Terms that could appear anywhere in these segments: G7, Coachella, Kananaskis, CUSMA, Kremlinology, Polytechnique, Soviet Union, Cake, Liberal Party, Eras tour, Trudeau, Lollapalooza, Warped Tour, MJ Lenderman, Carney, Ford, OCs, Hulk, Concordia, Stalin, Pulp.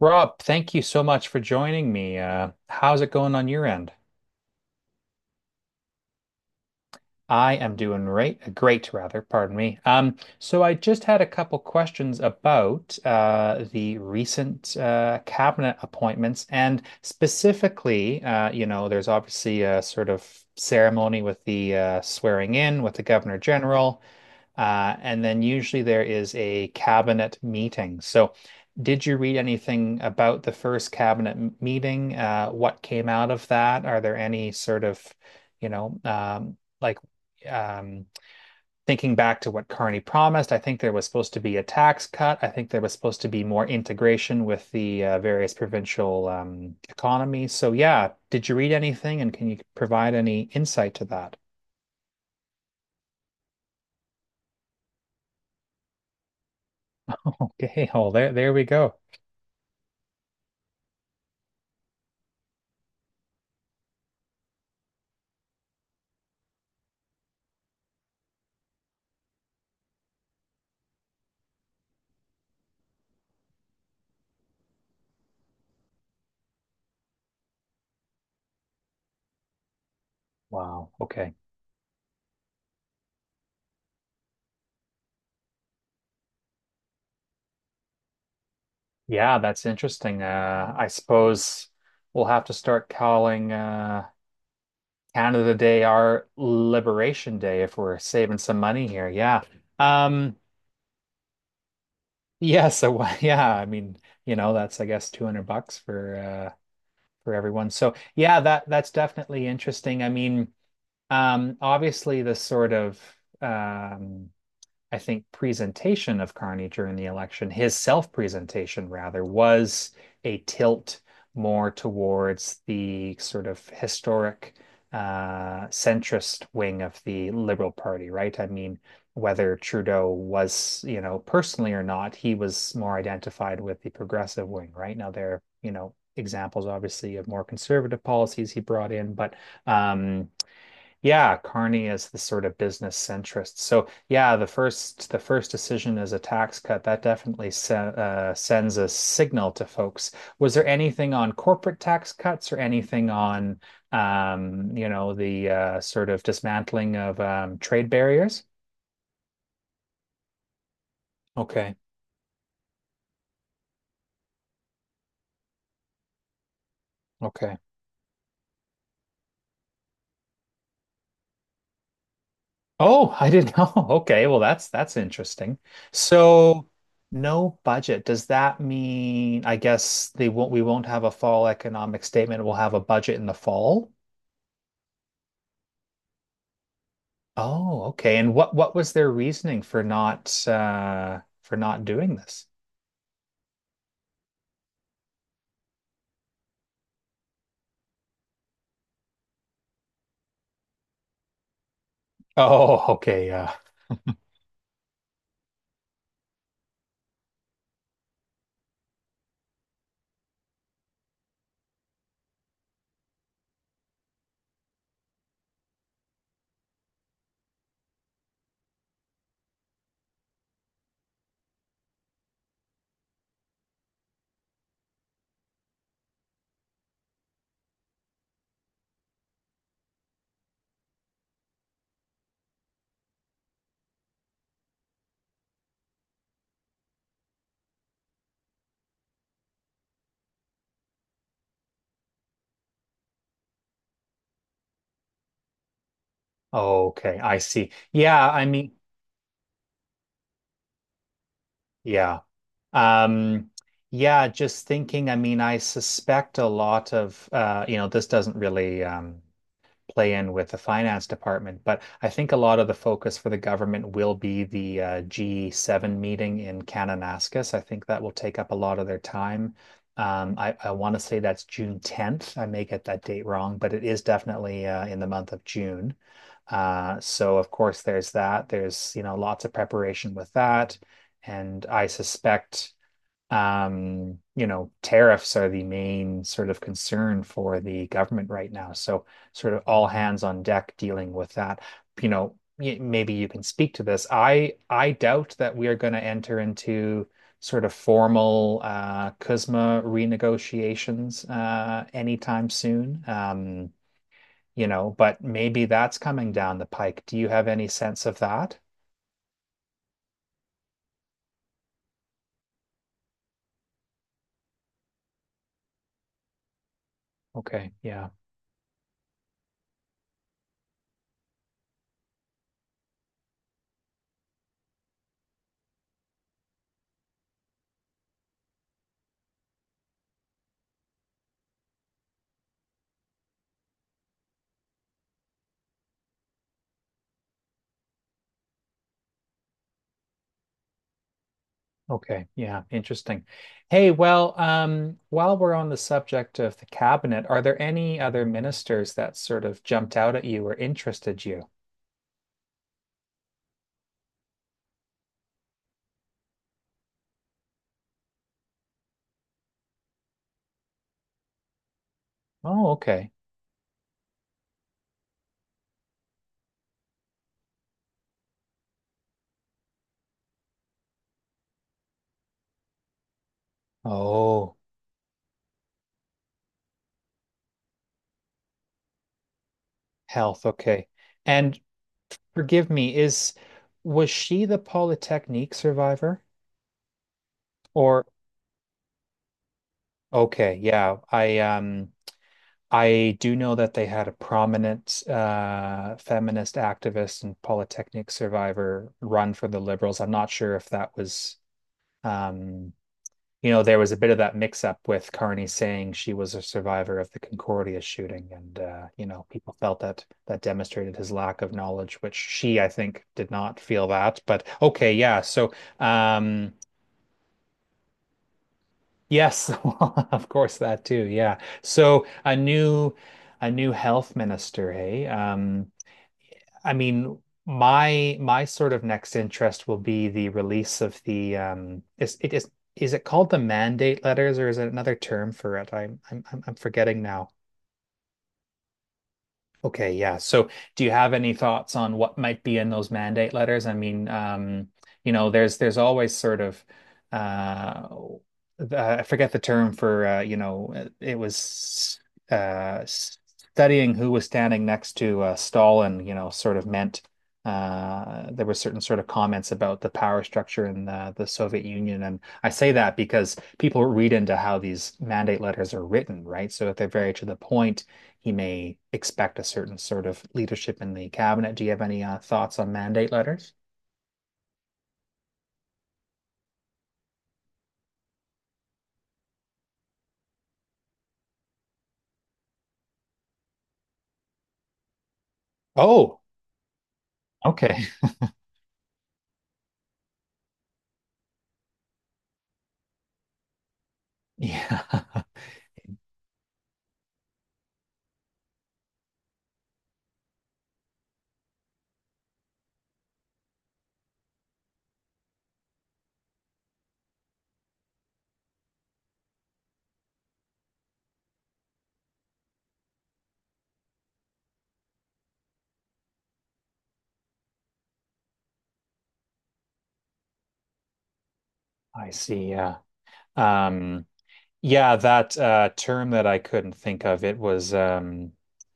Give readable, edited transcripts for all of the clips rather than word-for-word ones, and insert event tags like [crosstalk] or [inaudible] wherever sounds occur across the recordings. Rob, thank you so much for joining me. How's it going on your end? I am doing great, great rather, pardon me. So I just had a couple questions about the recent cabinet appointments, and specifically, you know, there's obviously a sort of ceremony with the swearing in with the governor general, and then usually there is a cabinet meeting. So, did you read anything about the first meeting? What came out of that? Are there any sort of, you know, um, like um, thinking back to what Carney promised? I think there was supposed to be a tax cut. I think there was supposed to be more integration with the various provincial economies. So yeah, did you read anything, and can you provide any insight to that? [laughs] Okay, well, there we go. Wow. Okay. Yeah, that's interesting. I suppose we'll have to start calling Canada Day our Liberation Day if we're saving some money here. Yeah. Um, Yeah, so [laughs] yeah, I mean, you know, that's I guess 200 bucks for everyone. So, yeah, that that's definitely interesting. I mean, obviously the sort of um I think, presentation of Carney during the election, his self presentation rather, was a tilt more towards the sort of historic centrist wing of the Liberal Party, right? I mean, whether Trudeau was, you know, personally or not, he was more identified with the progressive wing, right? Now, there are, you know, examples obviously of more conservative policies he brought in, but um, yeah, Carney is the sort of business centrist. So yeah, the first decision is a tax cut. That definitely se sends a signal to folks. Was there anything on corporate tax cuts or anything on you know, the sort of dismantling of trade barriers? Okay. Okay. Oh, I didn't know. [laughs] Okay, well that's interesting. So no budget. Does that mean I guess they won't we won't have a fall economic statement? We'll have a budget in the fall? Oh, okay. And what was their reasoning for not doing this? Oh, [laughs] okay, yeah. Okay, I see. Yeah, I mean, yeah. Um, yeah, just thinking, I mean, I suspect a lot of you know, this doesn't really play in with the finance department. But I think a lot of the focus for the government will be the G7 meeting in Kananaskis. I think that will take up a lot of their time. I want to say that's June 10th. I may get that date wrong, but it is definitely in the month of June. So of course there's that. There's, you know, lots of preparation with that. And I suspect you know, tariffs are the main sort of concern for the government right now. So, sort of all hands on deck dealing with that. You know, maybe you can speak to this. I doubt that we are going to enter into sort of formal CUSMA renegotiations anytime soon. You know, but maybe that's coming down the pike. Do you have any sense of that? Okay, yeah. Okay, yeah, interesting. Hey, well, while we're on the subject of the cabinet, are there any other ministers that sort of jumped out at you or interested you? Oh, okay. Oh, health, okay. And forgive me, is was she the Polytechnique survivor? Or okay, yeah, I do know that they had a prominent feminist activist and Polytechnique survivor run for the Liberals. I'm not sure if that was. Um, you know, there was a bit of that mix up with Carney saying she was a survivor of the Concordia shooting, and you know, people felt that that demonstrated his lack of knowledge, which she, I think, did not feel that. But okay, yeah. So, um, yes, [laughs] of course, that too. Yeah. So a new health minister, hey. I mean, my sort of next interest will be the release of the is it called the mandate letters or is it another term for it? I'm forgetting now. Okay, yeah. So do you have any thoughts on what might be in those mandate letters? I mean, you know, there's always sort of uh I forget the term for you know, it was studying who was standing next to Stalin, you know, sort of meant there were certain sort of comments about the power structure in the Soviet Union. And I say that because people read into how these mandate letters are written, right? So if they're very to the point he may expect a certain sort of leadership in the cabinet. Do you have any thoughts on mandate letters? Oh, okay. [laughs] Yeah, I see. Yeah. Um, yeah, that term that I couldn't think of,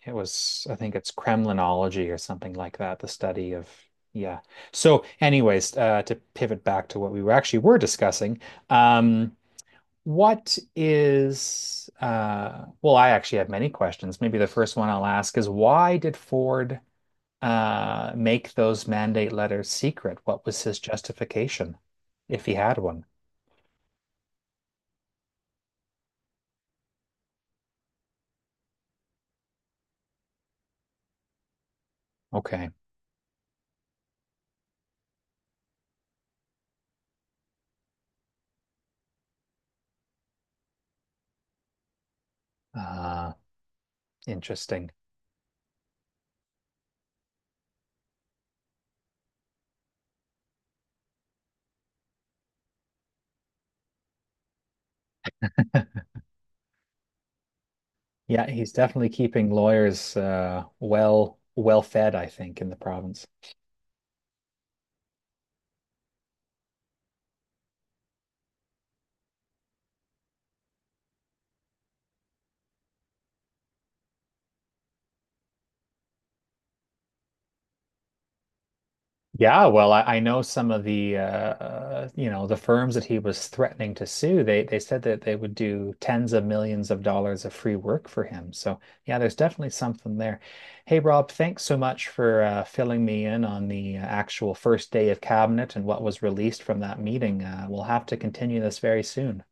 it was I think it's Kremlinology or something like that, the study of yeah. So anyways, to pivot back to what we were actually were discussing, um, what is, well, I actually have many questions. Maybe the first one I'll ask is why did Ford make those mandate letters secret? What was his justification, if he had one? Okay. Uh, Interesting. [laughs] Yeah, he's definitely keeping lawyers well well fed, I think, in the province. Yeah, well, I know some of the you know, the firms that he was threatening to sue. They said that they would do tens of millions of dollars of free work for him. So yeah, there's definitely something there. Hey, Rob, thanks so much for filling me in on the actual first day of cabinet and what was released from that meeting. We'll have to continue this very soon.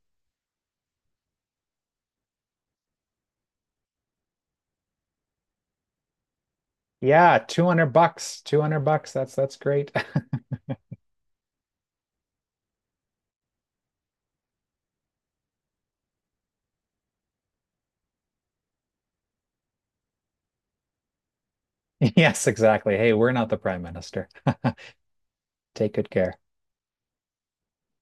Yeah, 200 bucks, 200 bucks. That's great. [laughs] Yes, exactly. Hey, we're not the prime minister. [laughs] Take good care.